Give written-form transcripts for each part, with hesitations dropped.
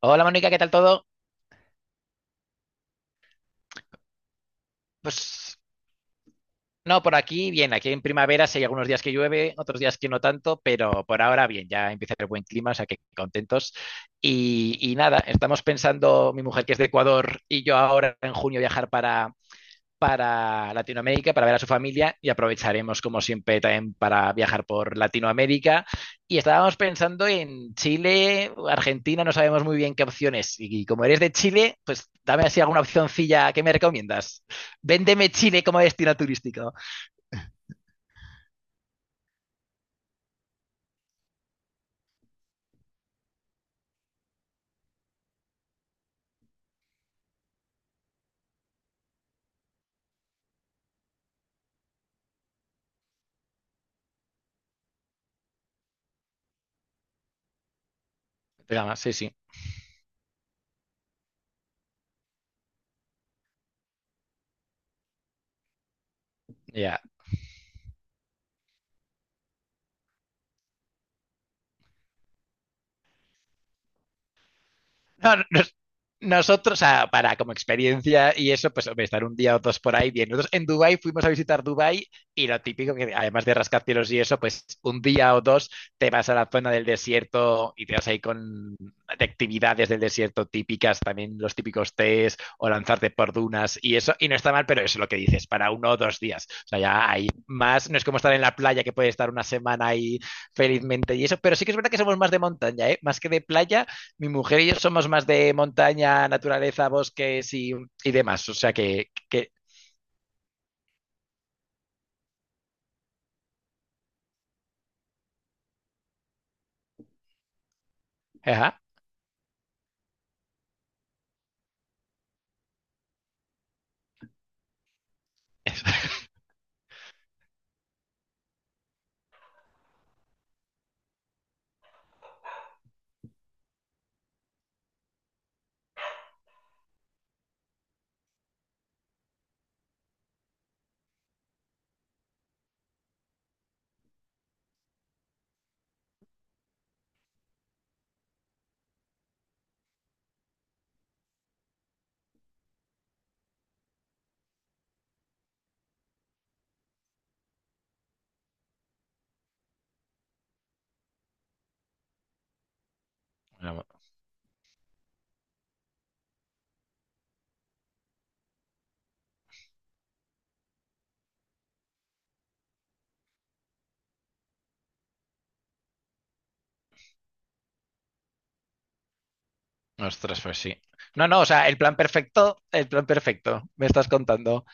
Hola Mónica, ¿qué tal todo? Pues no, por aquí bien, aquí en primavera sí hay algunos días que llueve, otros días que no tanto, pero por ahora bien, ya empieza el buen clima, o sea que contentos. Y nada, estamos pensando, mi mujer que es de Ecuador y yo ahora en junio viajar para Latinoamérica, para ver a su familia y aprovecharemos como siempre también para viajar por Latinoamérica. Y estábamos pensando en Chile, Argentina, no sabemos muy bien qué opciones. Y, como eres de Chile, pues dame así alguna opcioncilla que me recomiendas. Véndeme Chile como destino turístico. Pero, sí, sí, ya. No, no, nosotros, o sea, para como experiencia y eso, pues hombre, estar un día o dos por ahí bien. Nosotros en Dubái fuimos a visitar Dubái y lo típico que además de rascacielos y eso, pues un día o dos te vas a la zona del desierto y te vas ahí con de actividades del desierto típicas, también los típicos tés o lanzarte por dunas y eso. Y no está mal, pero eso es lo que dices, para uno o dos días. O sea, ya hay más, no es como estar en la playa que puedes estar una semana ahí felizmente y eso, pero sí que es verdad que somos más de montaña, ¿eh? Más que de playa mi mujer y yo somos más de montaña, naturaleza, bosques y demás. O sea que, ajá. Bueno, ostras, pues sí. No, no, o sea, el plan perfecto, me estás contando.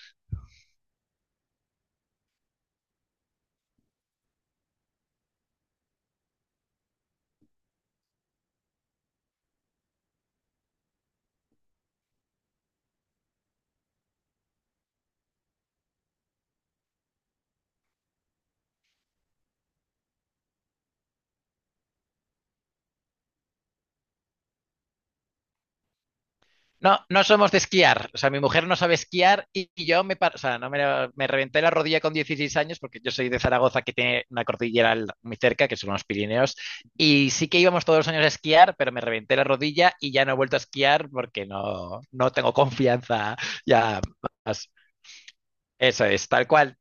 No, no somos de esquiar. O sea, mi mujer no sabe esquiar y yo o sea, no me reventé la rodilla con 16 años porque yo soy de Zaragoza que tiene una cordillera muy cerca, que son los Pirineos, y sí que íbamos todos los años a esquiar, pero me reventé la rodilla y ya no he vuelto a esquiar porque no, no tengo confianza ya más. Eso es, tal cual.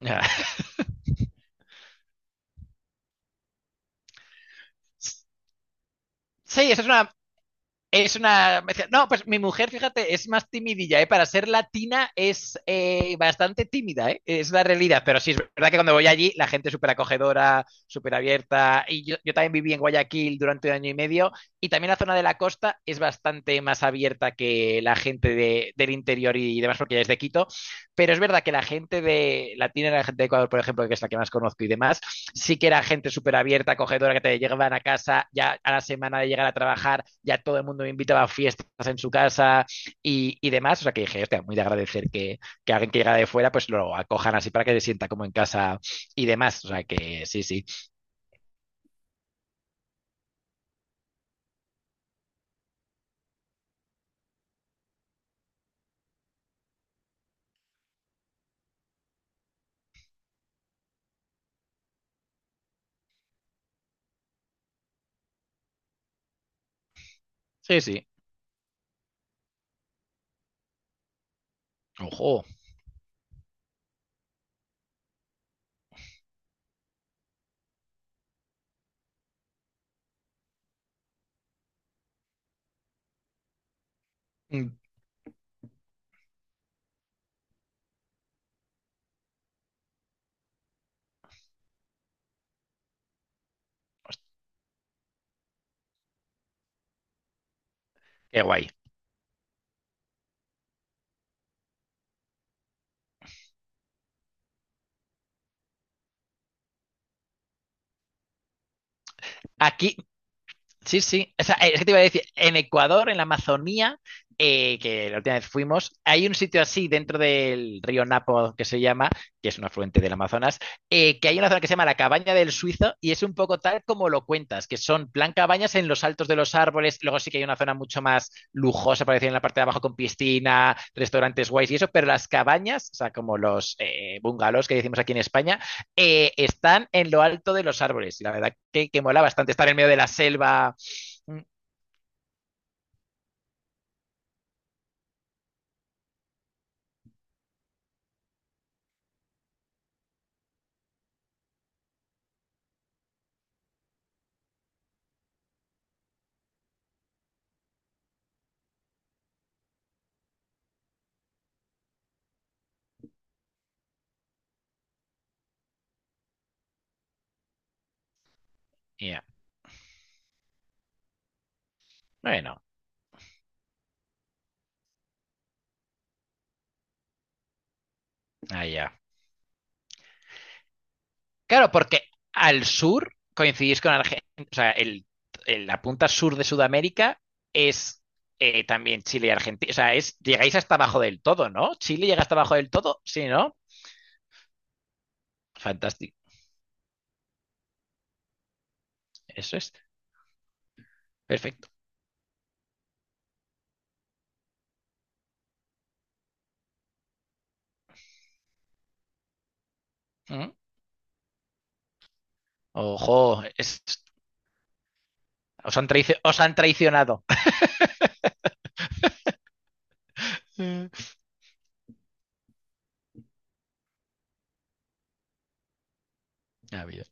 Sí, eso es una. Es una. Me decía, no, pues mi mujer, fíjate, es más timidilla, ¿eh? Para ser latina es bastante tímida, ¿eh? Es la realidad. Pero sí, es verdad que cuando voy allí, la gente es súper acogedora, súper abierta. Y yo también viví en Guayaquil durante un año y medio. Y también la zona de la costa es bastante más abierta que la gente del interior y demás, porque ya es de Quito. Pero es verdad que la gente de latina, la gente de Ecuador, por ejemplo, que es la que más conozco y demás, sí que era gente súper abierta, acogedora, que te llegaban a casa ya a la semana de llegar a trabajar, ya todo el mundo me invitaba a fiestas en su casa y demás. O sea que dije, hostia, muy de agradecer que alguien que llega de fuera pues lo acojan así para que se sienta como en casa y demás. O sea que sí, sí, sí, sí. Ojo, mm, qué guay. Aquí Sí, sí. O sea, es que te iba a decir, en Ecuador, en la Amazonía, que la última vez fuimos, hay un sitio así dentro del río Napo que se llama, que es un afluente del Amazonas, que hay una zona que se llama la Cabaña del Suizo y es un poco tal como lo cuentas, que son plan cabañas en los altos de los árboles, luego sí que hay una zona mucho más lujosa, para decir, en la parte de abajo con piscina, restaurantes guays y eso, pero las cabañas, o sea, como los bungalows que decimos aquí en España, están en lo alto de los árboles y la verdad que mola bastante estar en medio de la selva. Mm, ya. Bueno, allá. Claro, porque al sur coincidís con Argentina, o sea, la punta sur de Sudamérica es también Chile y Argentina. O sea, es, llegáis hasta abajo del todo, ¿no? Chile llega hasta abajo del todo, sí, ¿no? Fantástico. Eso es. Perfecto. Ujú. Ojo, os han traicionado. Ha habido.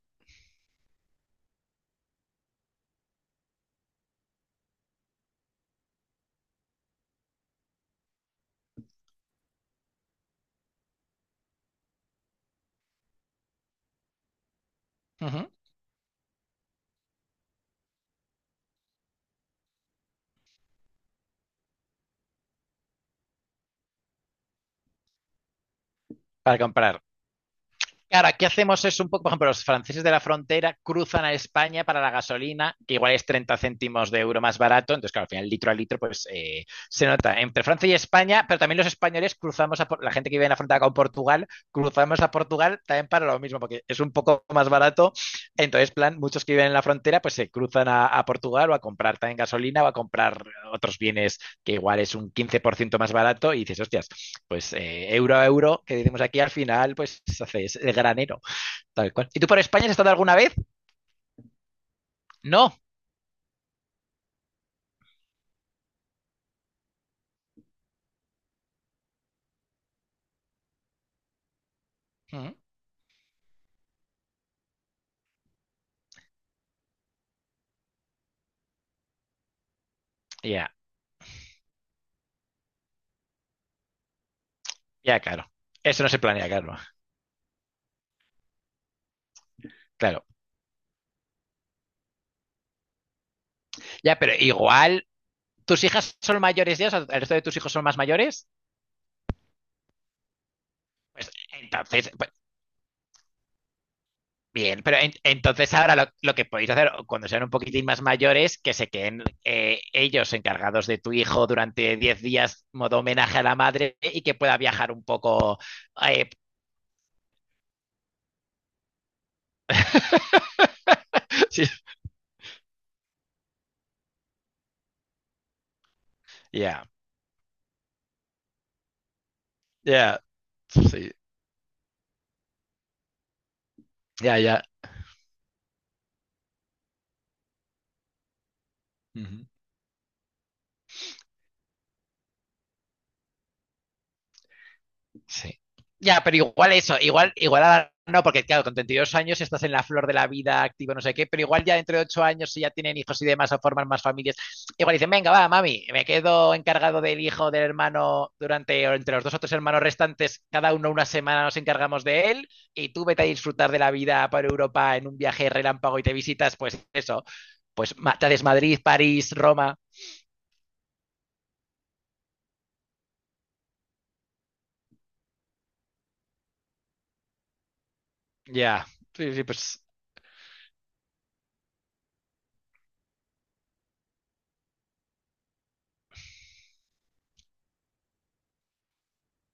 Ujú. Para comprar. Claro, aquí hacemos eso un poco, por ejemplo, los franceses de la frontera cruzan a España para la gasolina, que igual es 30 céntimos de euro más barato, entonces claro, al final litro a litro pues se nota entre Francia y España, pero también los españoles cruzamos, a, la gente que vive en la frontera con Portugal, cruzamos a Portugal también para lo mismo, porque es un poco más barato, entonces plan, muchos que viven en la frontera pues se cruzan a Portugal o a comprar también gasolina o a comprar otros bienes que igual es un 15% más barato y dices, hostias, pues euro a euro, que decimos aquí, al final, pues haces el granero, tal cual. ¿Y tú por España has estado alguna vez? No. Mm, ya, ya, claro. Eso no se planea, claro. Claro. Ya, pero igual, ¿tus hijas son mayores ya? O sea, ¿el resto de tus hijos son más mayores? Pues entonces, pues, bien, pero entonces ahora lo que podéis hacer cuando sean un poquitín más mayores, que se queden ellos encargados de tu hijo durante 10 días, modo homenaje a la madre, y que pueda viajar un poco eh, sí, ya, ya, sí, ya, ya. Sí. Ya, pero igual eso, igual, igual ahora no, porque claro, con 32 años estás en la flor de la vida, activo, no sé qué, pero igual ya entre 8 años, si ya tienen hijos y demás, o forman más familias, igual dicen, venga, va, mami, me quedo encargado del hijo, del hermano, durante, o entre los dos o tres hermanos restantes, cada uno una semana nos encargamos de él, y tú vete a disfrutar de la vida por Europa en un viaje relámpago y te visitas, pues eso, pues te haces Madrid, París, Roma, ya, sí, sí, pues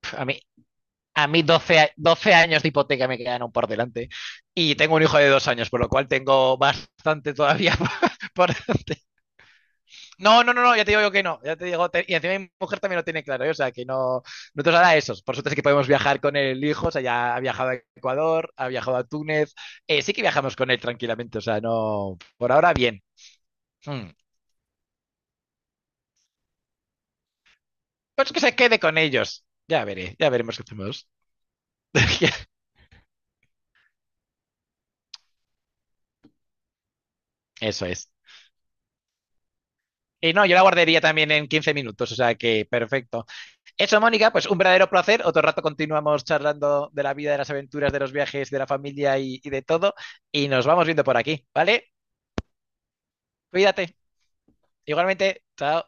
pf, a mí 12 años de hipoteca me quedan aún por delante y tengo un hijo de 2 años, por lo cual tengo bastante todavía por... No, no, no, no, ya te digo yo que no, ya te digo, y encima mi mujer también lo tiene claro, ¿eh? O sea, que no, no te os hará esos. Por suerte sí que podemos viajar con el hijo, o sea, ya ha viajado a Ecuador, ha viajado a Túnez, sí que viajamos con él tranquilamente, o sea, no, por ahora bien. Hmm. Pues que se quede con ellos, ya veré, ya veremos qué hacemos. Eso es. Y no, yo la guardaría también en 15 minutos, o sea que perfecto. Eso, Mónica, pues un verdadero placer. Otro rato continuamos charlando de la vida, de las aventuras, de los viajes, de la familia y de todo. Y nos vamos viendo por aquí, ¿vale? Cuídate. Igualmente, chao.